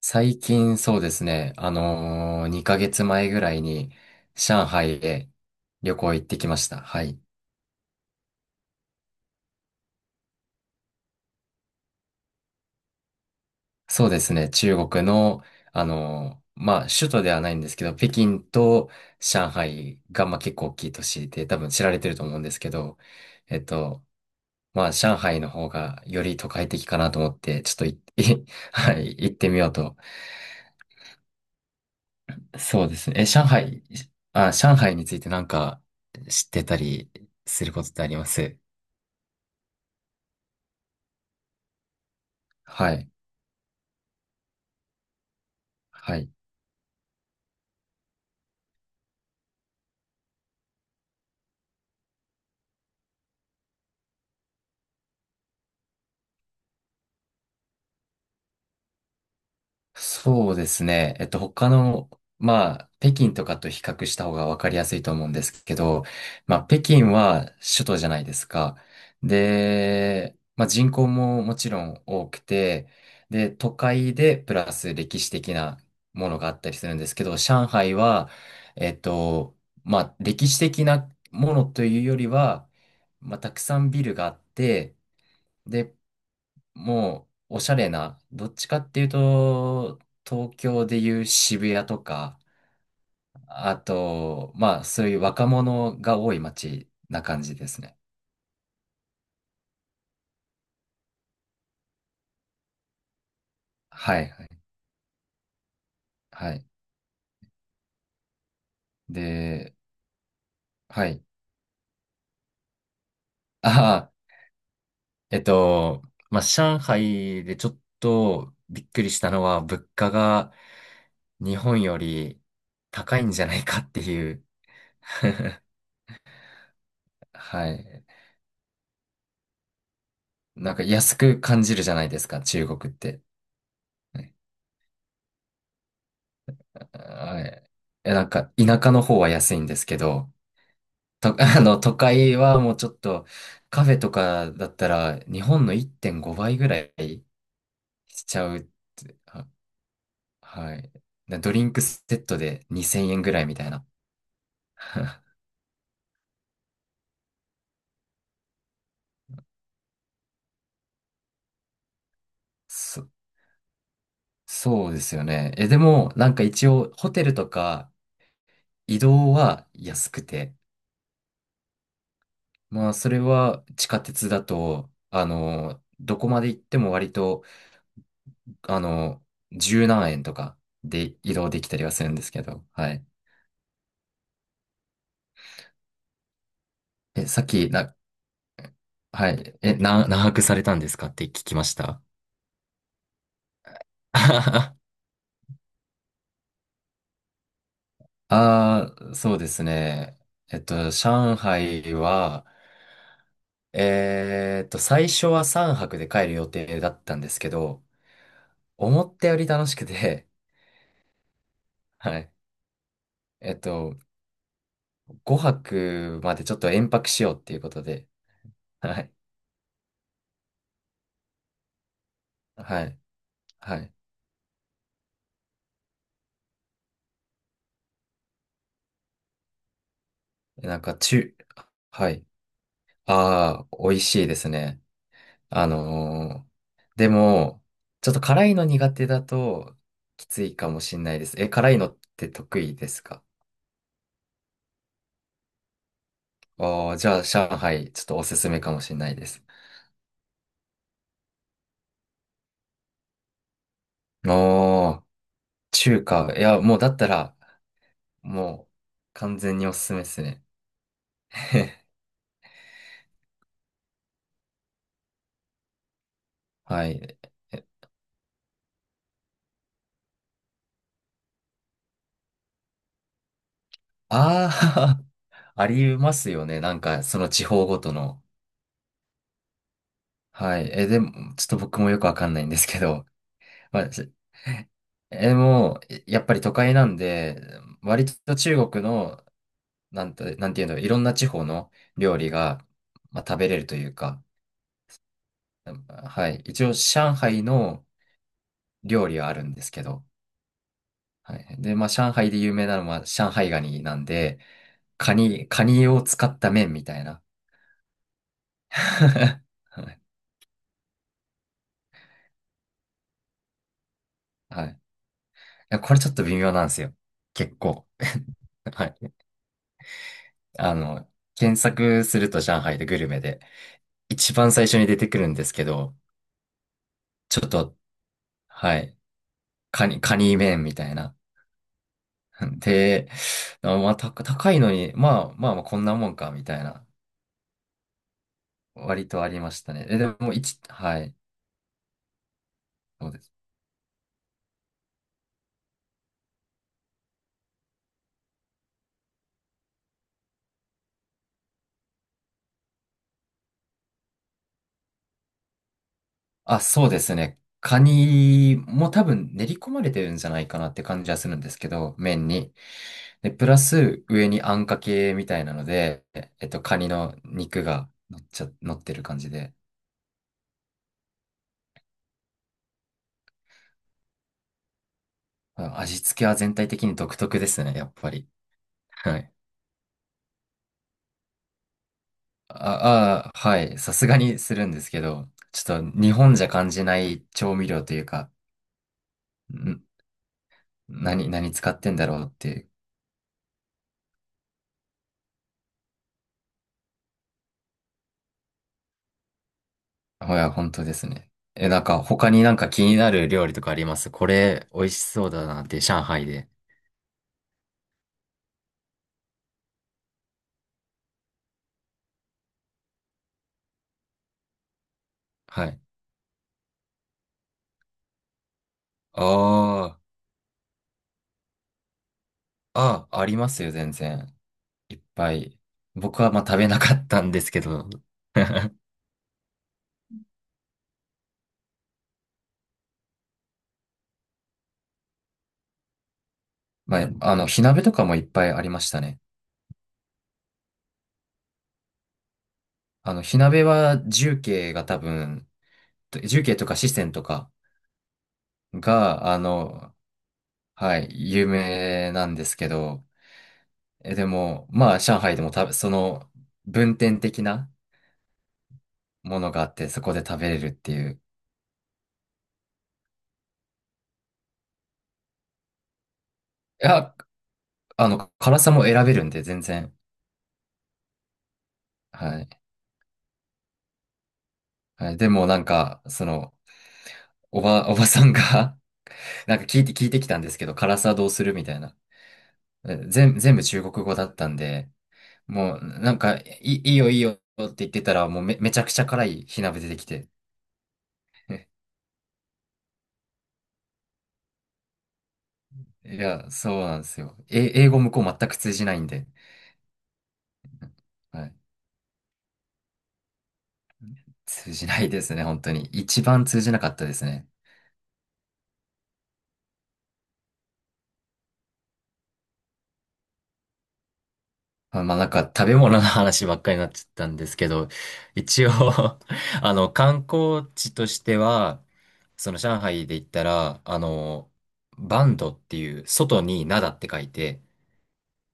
最近そうですね、2ヶ月前ぐらいに上海へ旅行行ってきました。はい。そうですね、中国の、まあ、首都ではないんですけど、北京と上海が、まあ、結構大きい都市で多分知られてると思うんですけど、えっと、まあ、上海の方がより都会的かなと思って、ちょっとい はい、行ってみようと。そうですね。え、上海についてなんか知ってたりすることってあります？はい。はい。そうですね。他の、まあ、北京とかと比較した方がわかりやすいと思うんですけど、まあ、北京は首都じゃないですか。で、まあ、人口ももちろん多くて、で、都会でプラス歴史的なものがあったりするんですけど、上海は、えっと、まあ、歴史的なものというよりは、まあ、たくさんビルがあって、でもうおしゃれな、どっちかっていうと、東京でいう渋谷とか、あと、まあ、そういう若者が多い街な感じですね。はい、はい、はい。で、はい。ああ、えっと、まあ、上海でちょっとびっくりしたのは、物価が日本より高いんじゃないかっていう。はい。なんか安く感じるじゃないですか、中国って。はい。え、なんか、田舎の方は安いんですけど、都会はもうちょっと、カフェとかだったら、日本の1.5倍ぐらいしちゃうって、はい。なドリンクセットで2000円ぐらいみたいな。そ、そうですよね。え、でも、なんか一応、ホテルとか移動は安くて、まあ、それは地下鉄だと、どこまで行っても割とあの、十何円とかで移動できたりはするんですけど、はい。え、さっき、はい。え、何泊されたんですかって聞きました。ああそうですね。上海は、最初は3泊で帰る予定だったんですけど、思ったより楽しくて、はい。えっと、5泊までちょっと延泊しようっていうことで、はい。はい。はい。なんか、はい。ああ、美味しいですね。あのーでも、ちょっと辛いの苦手だときついかもしんないです。え、辛いのって得意ですか？ああー、じゃあ、上海、ちょっとおすすめかもしんないです。おー、中華。いや、もうだったら、もう、完全におすすめですね。はい。ああ、ありますよね。なんか、その地方ごとの。はい。え、でも、ちょっと僕もよくわかんないんですけど、まあ、でもう、やっぱり都会なんで、割と中国の、なんていうの、いろんな地方の料理が、まあ、食べれるというか、うんはい。一応、上海の料理はあるんですけど、はい。で、まあ、上海で有名なのは、上海ガニなんで、カニを使った麺みたいな。はい。はいいやこれちょっと微妙なんですよ。結構。はい。あの、検索すると上海でグルメで、一番最初に出てくるんですけど、ちょっとはい。カニ麺みたいな。で、高いのに、まあまあまあこんなもんか、みたいな。割とありましたね。え、でも、はい。そうです。あ、そうですね。カニも多分練り込まれてるんじゃないかなって感じはするんですけど、麺に。で、プラス上にあんかけみたいなので、カニの肉が乗ってる感じで。まあ味付けは全体的に独特ですね、やっぱり。はい。あ、あはい。さすがにするんですけど、ちょっと日本じゃ感じない調味料というか、ん、何使ってんだろうっていう。本当ですね。え、なんか他になんか気になる料理とかあります？これ美味しそうだなって、上海で。はい。ああ、ありますよ、全然。いっぱい。僕はまあ食べなかったんですけど。まあ、火鍋とかもいっぱいありましたね。火鍋は重慶が多分、重慶とか四川とか、が、はい、有名なんですけど、え、でも、まあ、上海でもた、その、分店的なものがあって、そこで食べれるっていう。いや、辛さも選べるんで、全然。はい。はい、でも、なんか、その、おばさんが なんか聞いてきたんですけど、辛さどうするみたいな。全部中国語だったんで、もう、なんか、いいよ、いいよって言ってたら、もうめちゃくちゃ辛い火鍋出てきて。いや、そうなんですよ。え、英語向こう全く通じないんで。はい。通じないですね、本当に。一番通じなかったですね。まあなんか食べ物の話ばっかりになっちゃったんですけど、一応 観光地としては、その上海で言ったら、バンドっていう、外に灘って書いて、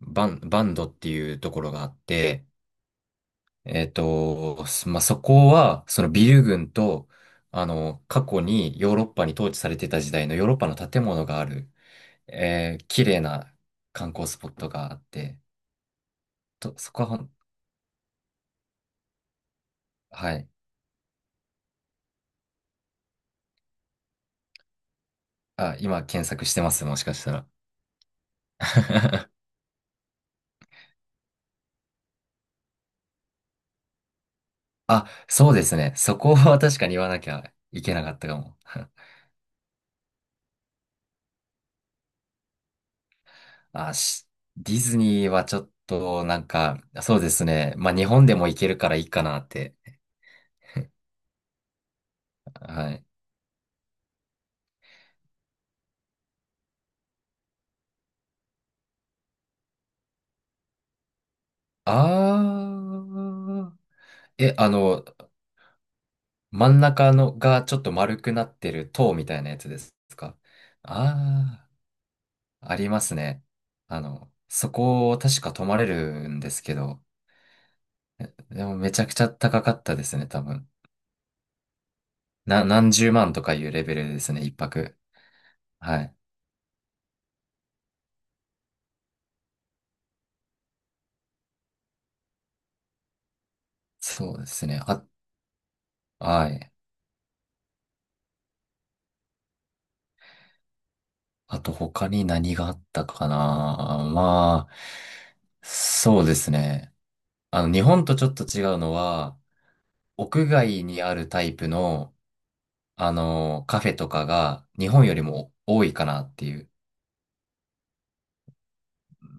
バンドっていうところがあって、すまあ、そこは、そのビル群と、過去にヨーロッパに統治されてた時代のヨーロッパの建物がある、綺麗な観光スポットがあって、と、そこははい。あ、今検索してます、もしかしたら。あ、そうですね。そこは 確かに言わなきゃいけなかったかも。あ、ディズニーはちょっと、なんか、そうですね。まあ、日本でも行けるからいいかなって。はい。あー。え、真ん中のがちょっと丸くなってる塔みたいなやつですか？ああー、ありますね。そこを確か泊まれるんですけど、でもめちゃくちゃ高かったですね、多分。何十万とかいうレベルですね、一泊。はい。そうですね。あ、はい。あと他に何があったかな。まあ、そうですね。日本とちょっと違うのは、屋外にあるタイプの、カフェとかが日本よりも多いかなっていう。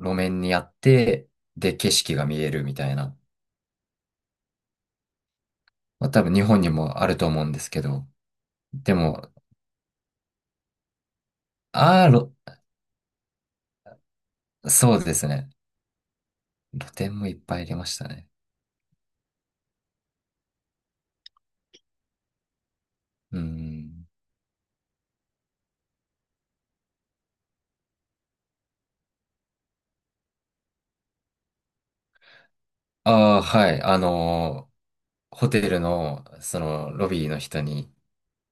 路面にあって、で、景色が見えるみたいな。まあ、多分日本にもあると思うんですけど。でも、ああ、そうですね。露店もいっぱいありましたね。うん。ああ、はい。ホテルの、ロビーの人に、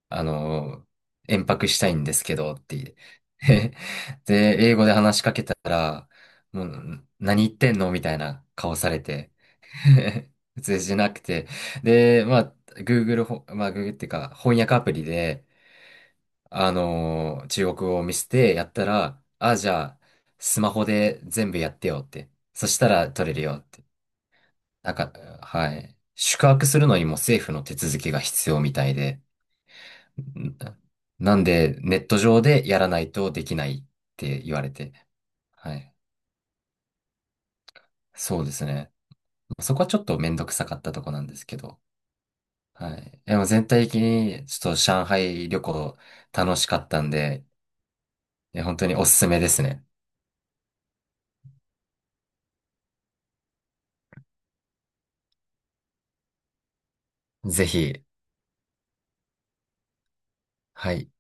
あの延泊したいんですけどって言って で、英語で話しかけたら、もう、何言ってんのみたいな顔されて、普通じゃなくて。で、まあ、Google っていうか、翻訳アプリで、中国語を見せてやったら、あ、じゃあ、スマホで全部やってよって。そしたら取れるよって。なんか、はい。宿泊するのにも政府の手続きが必要みたいで。んなんで、ネット上でやらないとできないって言われて。はい。そうですね。そこはちょっとめんどくさかったとこなんですけど。はい。でも全体的に、ちょっと上海旅行楽しかったんで、本当におすすめですね。ぜひ、はい。